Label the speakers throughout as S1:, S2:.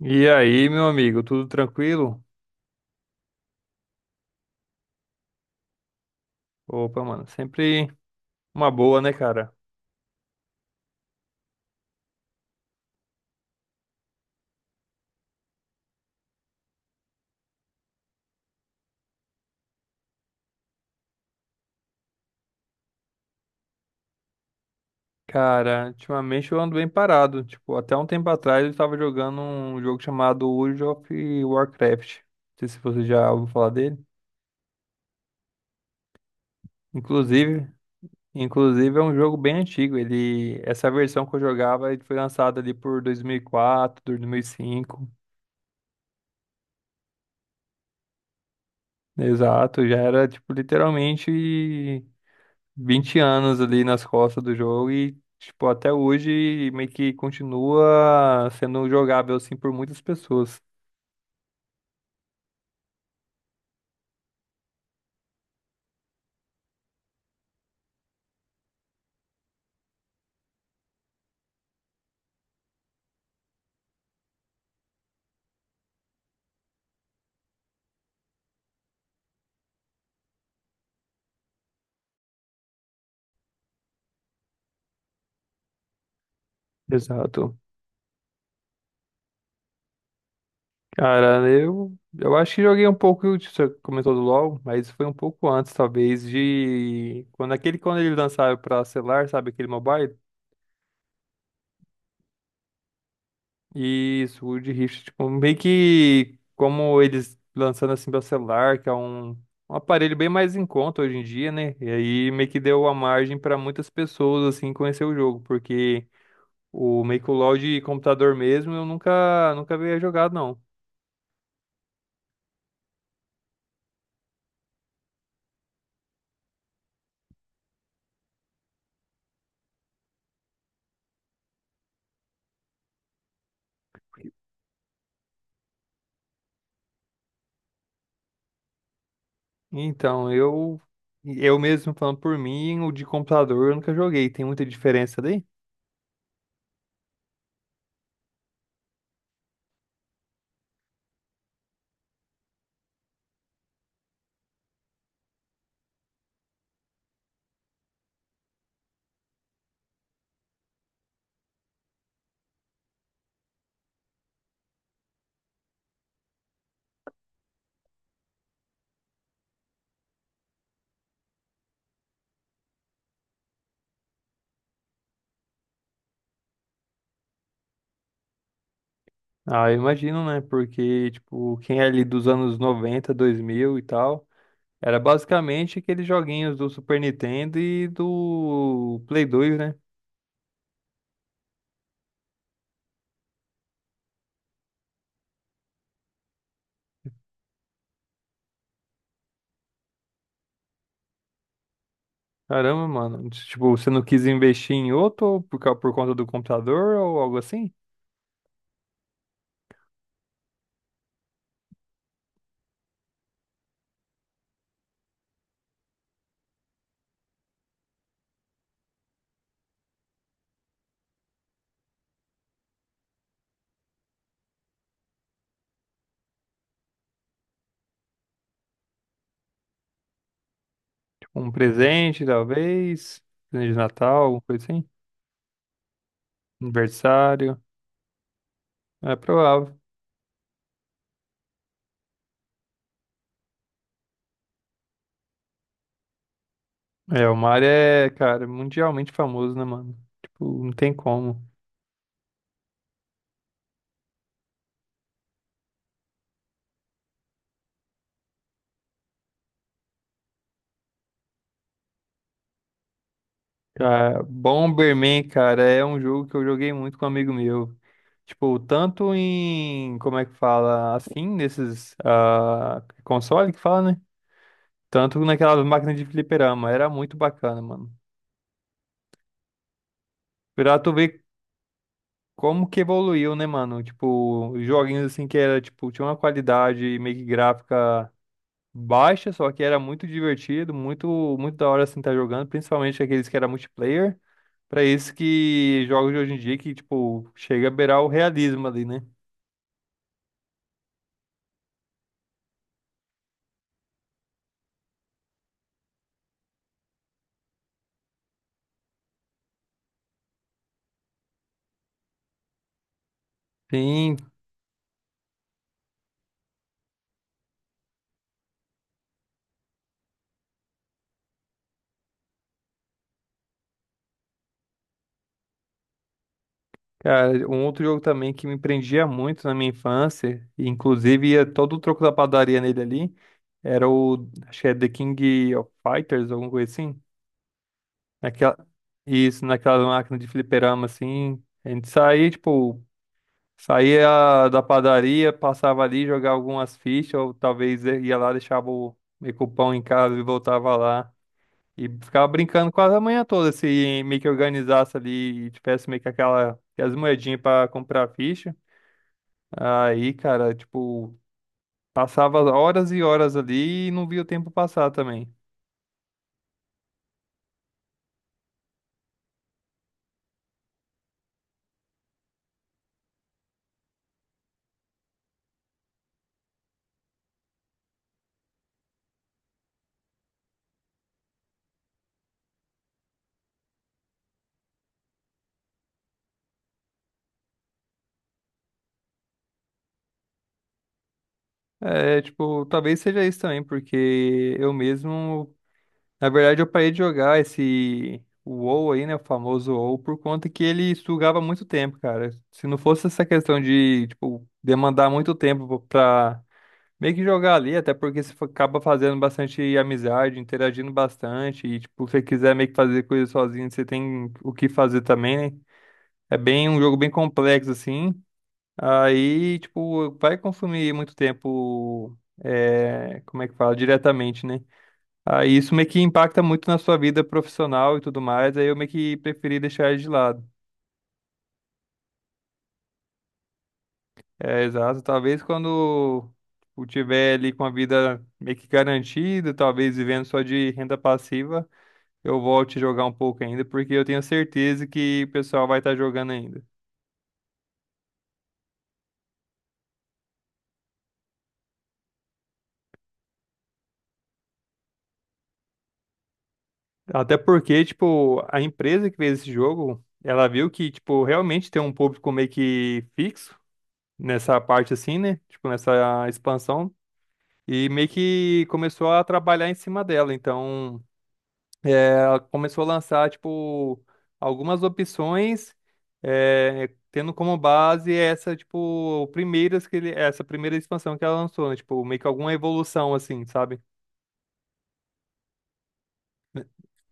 S1: E aí, meu amigo, tudo tranquilo? Opa, mano, sempre uma boa, né, cara? Cara, ultimamente eu ando bem parado. Tipo, até um tempo atrás eu estava jogando um jogo chamado World of Warcraft. Não sei se você já ouviu falar dele. Inclusive, inclusive, é um jogo bem antigo. Ele, essa versão que eu jogava, ele foi lançada ali por 2004, 2005. Exato, já era tipo literalmente 20 anos ali nas costas do jogo e, tipo, até hoje meio que continua sendo jogável, assim, por muitas pessoas. Exato. Cara, eu acho que joguei um pouco, você comentou do LoL, mas foi um pouco antes, talvez, de... Quando aquele, quando ele lançaram pra celular, sabe, aquele mobile? Isso, Wood Rift, tipo, meio que como eles lançando assim para celular, que é um aparelho bem mais em conta hoje em dia, né? E aí meio que deu a margem para muitas pessoas assim conhecer o jogo, porque o meio que o LoL de computador mesmo eu nunca havia jogado não. Então, eu mesmo falando por mim, o de computador eu nunca joguei, tem muita diferença daí? Ah, eu imagino, né? Porque tipo, quem é ali dos anos 90 2000 e tal, era basicamente aqueles joguinhos do Super Nintendo e do Play 2, né? Caramba, mano. Tipo, você não quis investir em outro por conta do computador ou algo assim? Tipo, um presente, talvez. Presente de Natal, alguma coisa assim. Aniversário. É provável. É, o Mario é, cara, mundialmente famoso, né, mano? Tipo, não tem como. Cara, Bomberman, cara, é um jogo que eu joguei muito com um amigo meu. Tipo, tanto em, como é que fala, assim, nesses console que fala, né? Tanto naquela máquina de fliperama, era muito bacana, mano. Pra tu ver como que evoluiu, né, mano? Tipo, joguinhos assim que era, tipo, tinha uma qualidade meio que gráfica baixa, só que era muito divertido, muito, muito da hora assim estar jogando, principalmente aqueles que era multiplayer. Pra isso que jogos de hoje em dia que, tipo, chega a beirar o realismo ali, né? Sim, cara, um outro jogo também que me prendia muito na minha infância, e inclusive ia todo o troco da padaria nele ali, era o, acho que é The King of Fighters, alguma coisa assim. Naquela, isso, naquela máquina de fliperama, assim. A gente saía, tipo, saía da padaria, passava ali, jogava algumas fichas, ou talvez ia lá, deixava o meio que o pão em casa e voltava lá. E ficava brincando quase a manhã toda, se meio que organizasse ali e tivesse meio que aquela, aquelas moedinhas pra comprar ficha. Aí, cara, tipo, passava horas e horas ali e não via o tempo passar também. É, tipo, talvez seja isso também, porque eu mesmo, na verdade, eu parei de jogar esse o WoW aí, né, o famoso WoW, por conta que ele sugava muito tempo, cara. Se não fosse essa questão de, tipo, demandar muito tempo pra meio que jogar ali, até porque você acaba fazendo bastante amizade, interagindo bastante, e tipo, se você quiser meio que fazer coisa sozinho, você tem o que fazer também, né? É bem um jogo bem complexo, assim. Aí, tipo, vai consumir muito tempo, é, como é que fala, diretamente, né? Aí isso meio que impacta muito na sua vida profissional e tudo mais, aí eu meio que preferi deixar ele de lado. É, exato. Talvez quando tipo, tiver ali com a vida meio que garantida, talvez vivendo só de renda passiva, eu volte a jogar um pouco ainda, porque eu tenho certeza que o pessoal vai estar jogando ainda. Até porque, tipo, a empresa que fez esse jogo, ela viu que, tipo, realmente tem um público meio que fixo nessa parte assim, né? Tipo, nessa expansão. E meio que começou a trabalhar em cima dela. Então, é, ela começou a lançar, tipo, algumas opções, é, tendo como base essa, tipo, primeiras que ele, essa primeira expansão que ela lançou, né? Tipo, meio que alguma evolução, assim, sabe?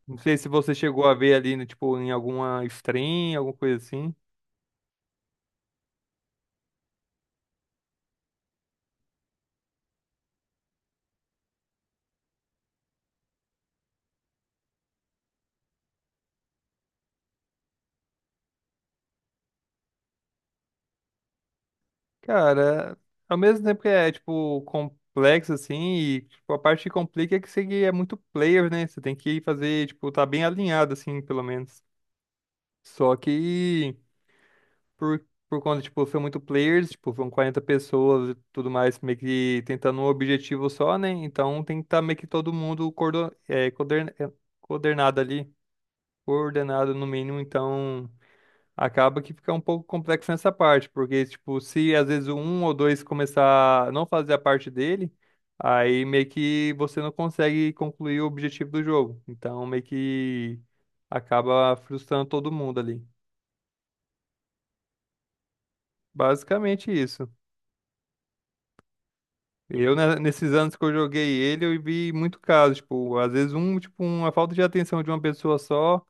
S1: Não sei se você chegou a ver ali, né, tipo, em alguma stream, alguma coisa assim. Cara, ao mesmo tempo que é, tipo, complexo, assim, e tipo, a parte que complica é que você é muito player, né? Você tem que fazer, tipo, tá bem alinhado, assim, pelo menos. Só que, por, por conta, tipo, são muito players, tipo, são 40 pessoas e tudo mais, meio que tentando um objetivo só, né? Então tem que estar meio que todo mundo coordenado, coordenado ali, coordenado no mínimo, então, acaba que fica um pouco complexo nessa parte, porque, tipo, se às vezes um ou dois começar a não fazer a parte dele, aí meio que você não consegue concluir o objetivo do jogo. Então, meio que acaba frustrando todo mundo ali. Basicamente isso. Eu, né, nesses anos que eu joguei ele, eu vi muito caso, tipo, às vezes um, tipo, uma falta de atenção de uma pessoa só,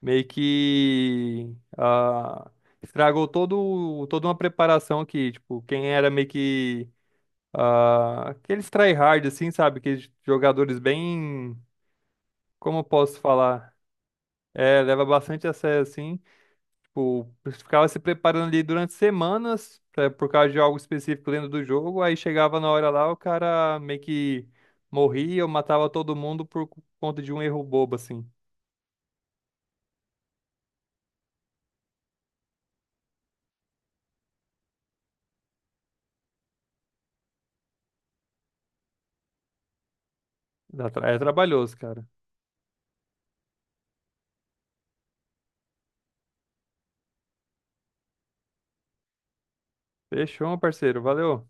S1: meio que estragou todo, toda uma preparação que, tipo, quem era meio que aqueles tryhard, assim, sabe? Aqueles jogadores bem. Como eu posso falar? É, leva bastante a sério, assim. Tipo, ficava se preparando ali durante semanas, por causa de algo específico dentro do jogo. Aí chegava na hora lá, o cara meio que morria ou matava todo mundo por conta de um erro bobo, assim. É trabalhoso, cara. Fechou, meu parceiro. Valeu.